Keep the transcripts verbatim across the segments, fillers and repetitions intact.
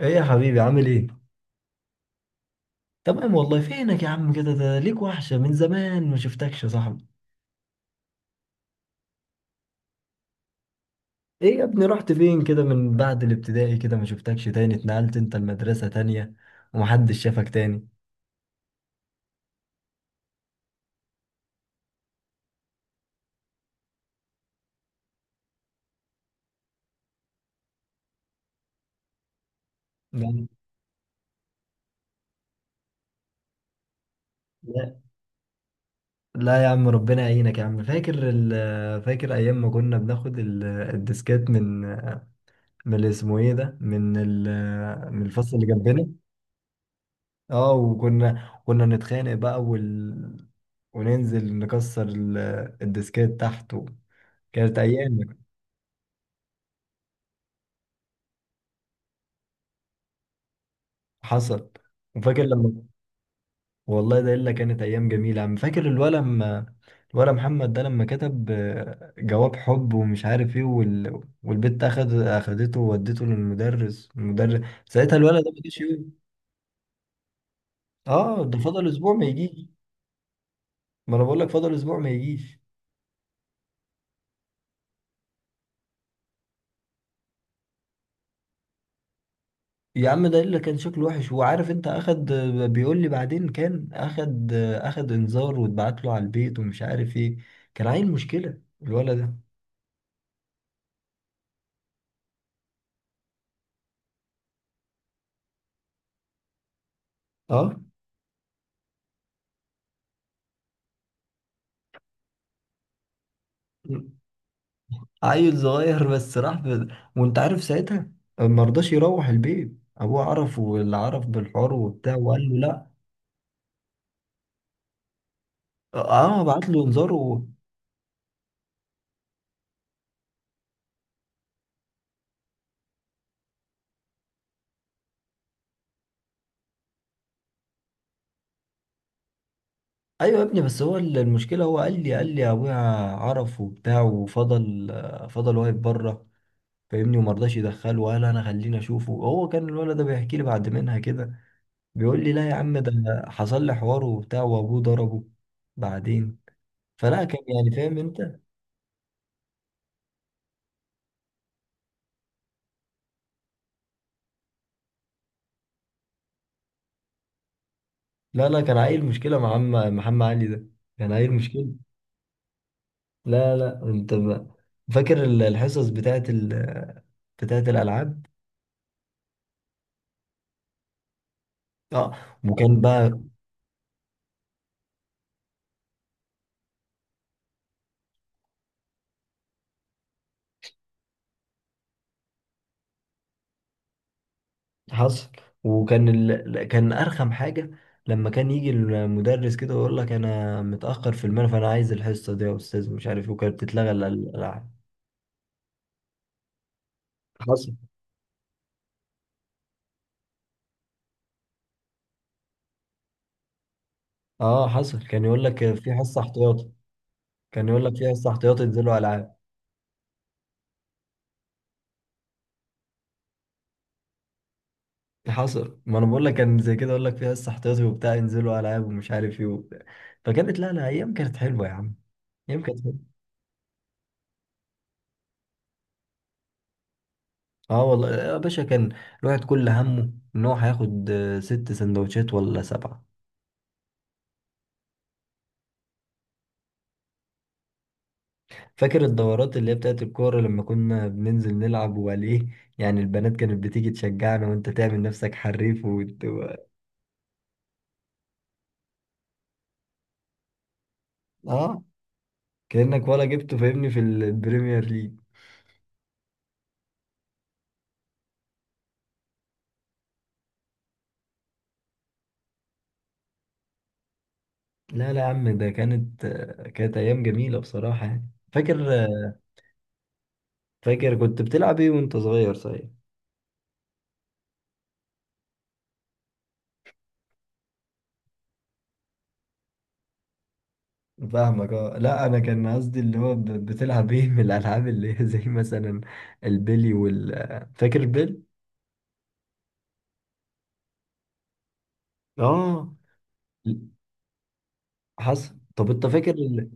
ايه يا حبيبي، عامل ايه؟ تمام والله. فينك يا عم كده؟ ده ليك وحشة من زمان، ما شفتكش يا صاحبي. ايه يا ابني، رحت فين كده من بعد الابتدائي؟ كده ما شفتكش تاني. اتنقلت انت المدرسة تانية ومحدش شافك تاني. ده- لا، لا يا عم، ربنا يعينك يا عم. فاكر ال فاكر ايام ما كنا بناخد ال- الديسكات من من اللي اسمه ايه ده، من ال من الفصل اللي جنبنا. اه، وكنا كنا نتخانق بقى، وال وننزل نكسر ال- الديسكات تحت. كانت ايام. حصل. وفاكر لما والله ده الا كانت ايام جميله عم. فاكر الولا لما، الولا محمد ده لما كتب آه، جواب حب ومش عارف ايه وال... والبت اخد اخدته وودته للمدرس؟ المدرس ساعتها الولا ده ما جاش يوم. اه، ده فضل اسبوع ما يجيش. ما انا بقول لك فضل اسبوع ما يجيش. يا عم، ده اللي كان شكله وحش، وعارف انت، اخد، بيقول لي بعدين، كان اخد اخد انذار، واتبعت له على البيت ومش عارف ايه. كان عيل مشكله الولد ده. اه، عيل صغير بس راح ب... وانت عارف ساعتها ما رضاش يروح البيت. ابوه عرف، واللي عرف بالحوار وبتاع، وقال له لا. اه، بعت له انذار و... ايوه يا ابني، بس هو ال- المشكله، هو قال لي قال لي ابويا عرف وبتاع، وفضل آه، فضل واقف بره، فاهمني، وما رضاش يدخله، وقال انا خليني اشوفه. هو كان الولد ده بيحكي لي بعد منها كده، بيقول لي لا يا عم، ده حصل لي حوار وبتاع وابوه ضربه بعدين، فلا كان يعني فاهم انت. لا لا، كان عيل مشكلة مع عم محمد علي ده. كان عيل مشكلة. لا لا، انت بقى فاكر ال- الحصص بتاعت ال... بتاعت الألعاب؟ اه، وكان بقى. حصل. وكان ال... كان أرخم حاجة لما كان يجي المدرس كده ويقول لك أنا متأخر في المنهج، فأنا عايز الحصة دي يا أستاذ، مش عارف إيه، وكانت بتتلغى ال- الألعاب. حصل. اه حصل، كان يقول لك في حصة احتياطي. كان يقول لك في حصة احتياطي انزلوا ألعاب. حصل، ما انا بقول لك كان زي كده، اقول لك فيها لسه احتياطي وبتاع، ينزلوا العاب ومش عارف ايه وبتاع. فكانت، لا لا، ايام كانت حلوه يا عم. ايام كانت حلوه. اه والله يا باشا، كان الواحد كل همه ان هو هياخد آه، ست سندوتشات ولا سبعه. فاكر الدورات اللي هي بتاعت الكوره لما كنا بننزل نلعب وعليه؟ يعني البنات كانت بتيجي تشجعنا، وانت تعمل نفسك حريف وت... و- اه، كانك ولا جبته، فاهمني، في البريمير ليج. لا لا يا عم، ده كانت آه، كانت ايام جميله بصراحه، يعني فاكر. فاكر كنت بتلعب ايه وانت صغير، صحيح؟ فاهمك. اه لا، انا كان قصدي اللي هو ب- بتلعب ايه من الالعاب، اللي هي زي مثلا البلي وال فاكر البلي؟ اه، حصل. طب انت فاكر ال...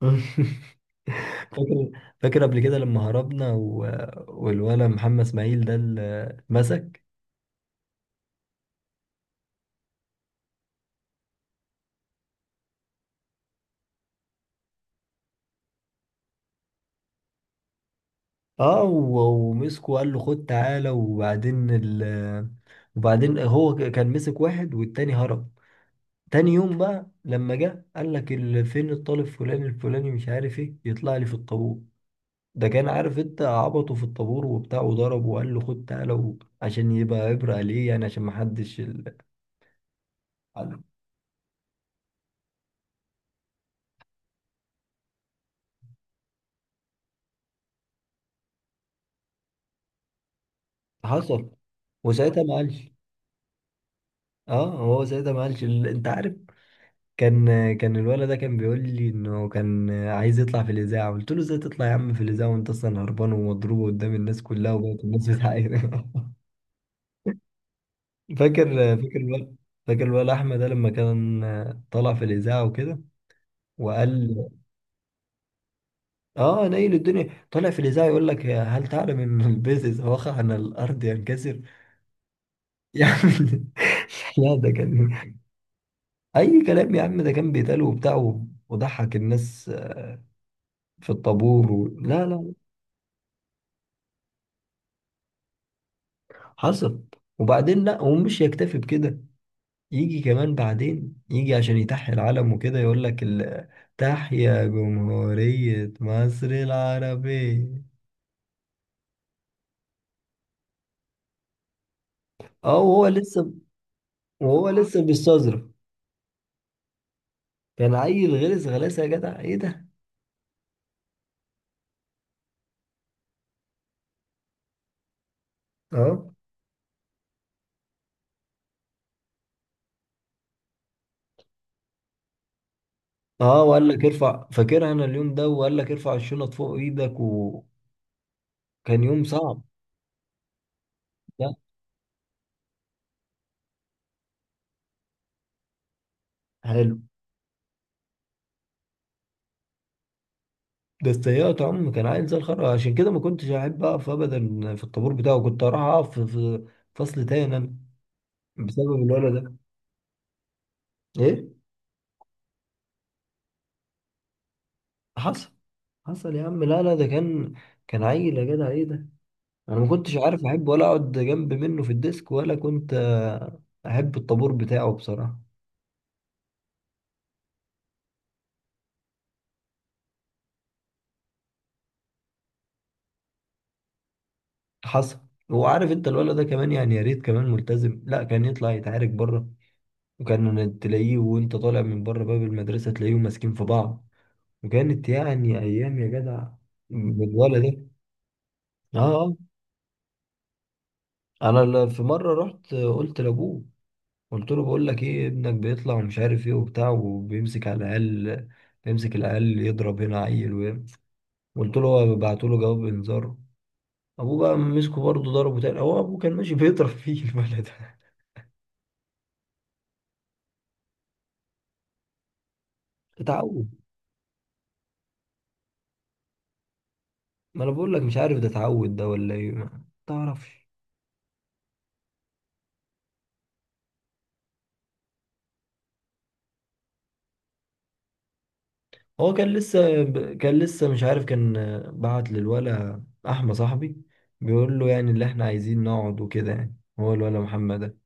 فاكر فاكر قبل كده لما هربنا و... والولا محمد اسماعيل ده اللي اتمسك؟ اه، و- ومسكه وقال له خد تعالى. وبعدين ال... وبعدين هو كان مسك واحد والتاني هرب. تاني يوم بقى لما جه، قال لك ال- فين الطالب فلان الفلاني مش عارف ايه، يطلع لي في الطابور. ده كان عارف انت، عبطه في الطابور وبتاع وضربه، وقال له خد تعالى، و- عشان يبقى عبرة ليه، يعني عشان ما حدش ال... حصل. وساعتها ما قالش. اه، هو ساعتها ما قالش ال- انت عارف. كان كان الولد ده كان بيقول لي انه كان عايز يطلع في الاذاعه. قلت له ازاي تطلع يا عم في الاذاعه وانت اصلا هربان ومضروب قدام الناس كلها، وبقت الناس بتعاير؟ فاكر. فاكر الولا، فاكر الولا احمد ده لما كان طلع في الاذاعه وكده، وقال؟ اه، نايل الدنيا، طلع في الاذاعه يقول لك هل تعلم ان البيض اذا وقع على الارض ينكسر! يا عم، لا ده كان، اي كلام يا عم، ده كان بيتقال وبتاع، وضحك الناس في الطابور و... لا لا. حصل. وبعدين لا، ومش يكتفي بكده، يجي كمان بعدين، يجي عشان يتحيي العلم وكده، يقول لك ال... تحيا جمهورية مصر العربية. اه، وهو لسه وهو لسه بيستظرف. كان عيل غلس، غلاسه يا جدع ايه ده. اه اه، وقال لك ارفع، فاكرها انا اليوم ده، وقال لك ارفع الشنط فوق ايدك، وكان يوم صعب. ده حلو. بس تهيأت عم، كان عيل زي الخرا، عشان كده ما كنتش احب اقف ابدا في الطابور بتاعه. كنت اروح اقف في، في فصل تاني انا، بسبب الولد ده. ايه. حصل. حصل يا عم، لا لا، ده كان، كان عيل يا جدع ايه ده. انا ما كنتش عارف احب ولا اقعد جنب منه في الديسك، ولا كنت آه، احب الطابور بتاعه بصراحه. حصل. هو عارف انت الولد ده كمان، يعني يا ريت كمان ملتزم، لا كان يطلع يتعارك بره. وكان تلاقيه وانت طالع من بره باب المدرسه تلاقيهم ماسكين في بعض. وكانت يعني ايام يا جدع بالولد ده. اه آه. انا ل- في مره رحت، آه، قلت لابوه، قلت له بقول لك ايه، ابنك بيطلع ومش عارف ايه وبتاع، وبيمسك على العيال، بيمسك العيال يضرب هنا عيل. قلت له هو، بعت له جواب انذار. ابوه بقى مسكه برضه ضربه تاني، هو ابوه كان ماشي بيضرب فيه البلد. اتعود. ما انا بقول لك، مش عارف ده اتعود ده ولا ايه، ما تعرفش. هو كان لسه كان لسه مش عارف. كان بعت للولا احمد صاحبي، بيقول له يعني اللي احنا عايزين نقعد وكده يعني، هو الولا محمد ده.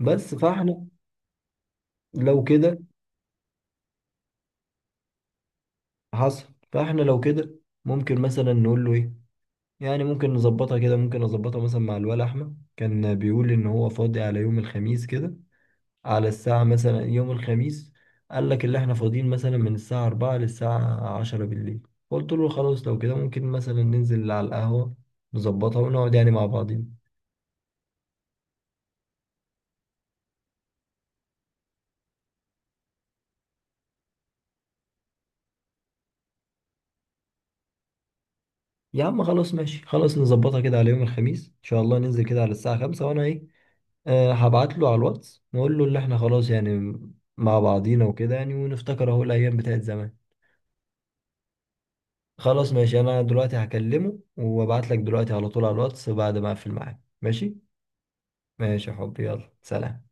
بس فاحنا لو كده. حصل، فاحنا لو كده ممكن مثلا نقول له ايه، يعني ممكن نظبطها كده. ممكن نظبطها مثلا مع الولا احمد، كان بيقول ان هو فاضي على يوم الخميس كده، على الساعة مثلا يوم الخميس. قال لك اللي احنا فاضيين مثلا من الساعة أربعة للساعة عشرة بالليل. قلت له خلاص لو كده ممكن مثلا ننزل على القهوة، نظبطها ونقعد يعني مع بعضين. يا عم خلاص ماشي، خلاص نظبطها كده على يوم الخميس ان شاء الله، ننزل كده على الساعة خمسة، وانا ايه، أه هبعت له على الواتس، نقول له اللي احنا خلاص يعني مع بعضينا وكده يعني، ونفتكر اهو الايام بتاعت زمان. خلاص ماشي، انا دلوقتي هكلمه وابعت لك دلوقتي على طول على الواتس بعد ما اقفل معاه، ماشي؟ ماشي يا حبي، يلا سلام.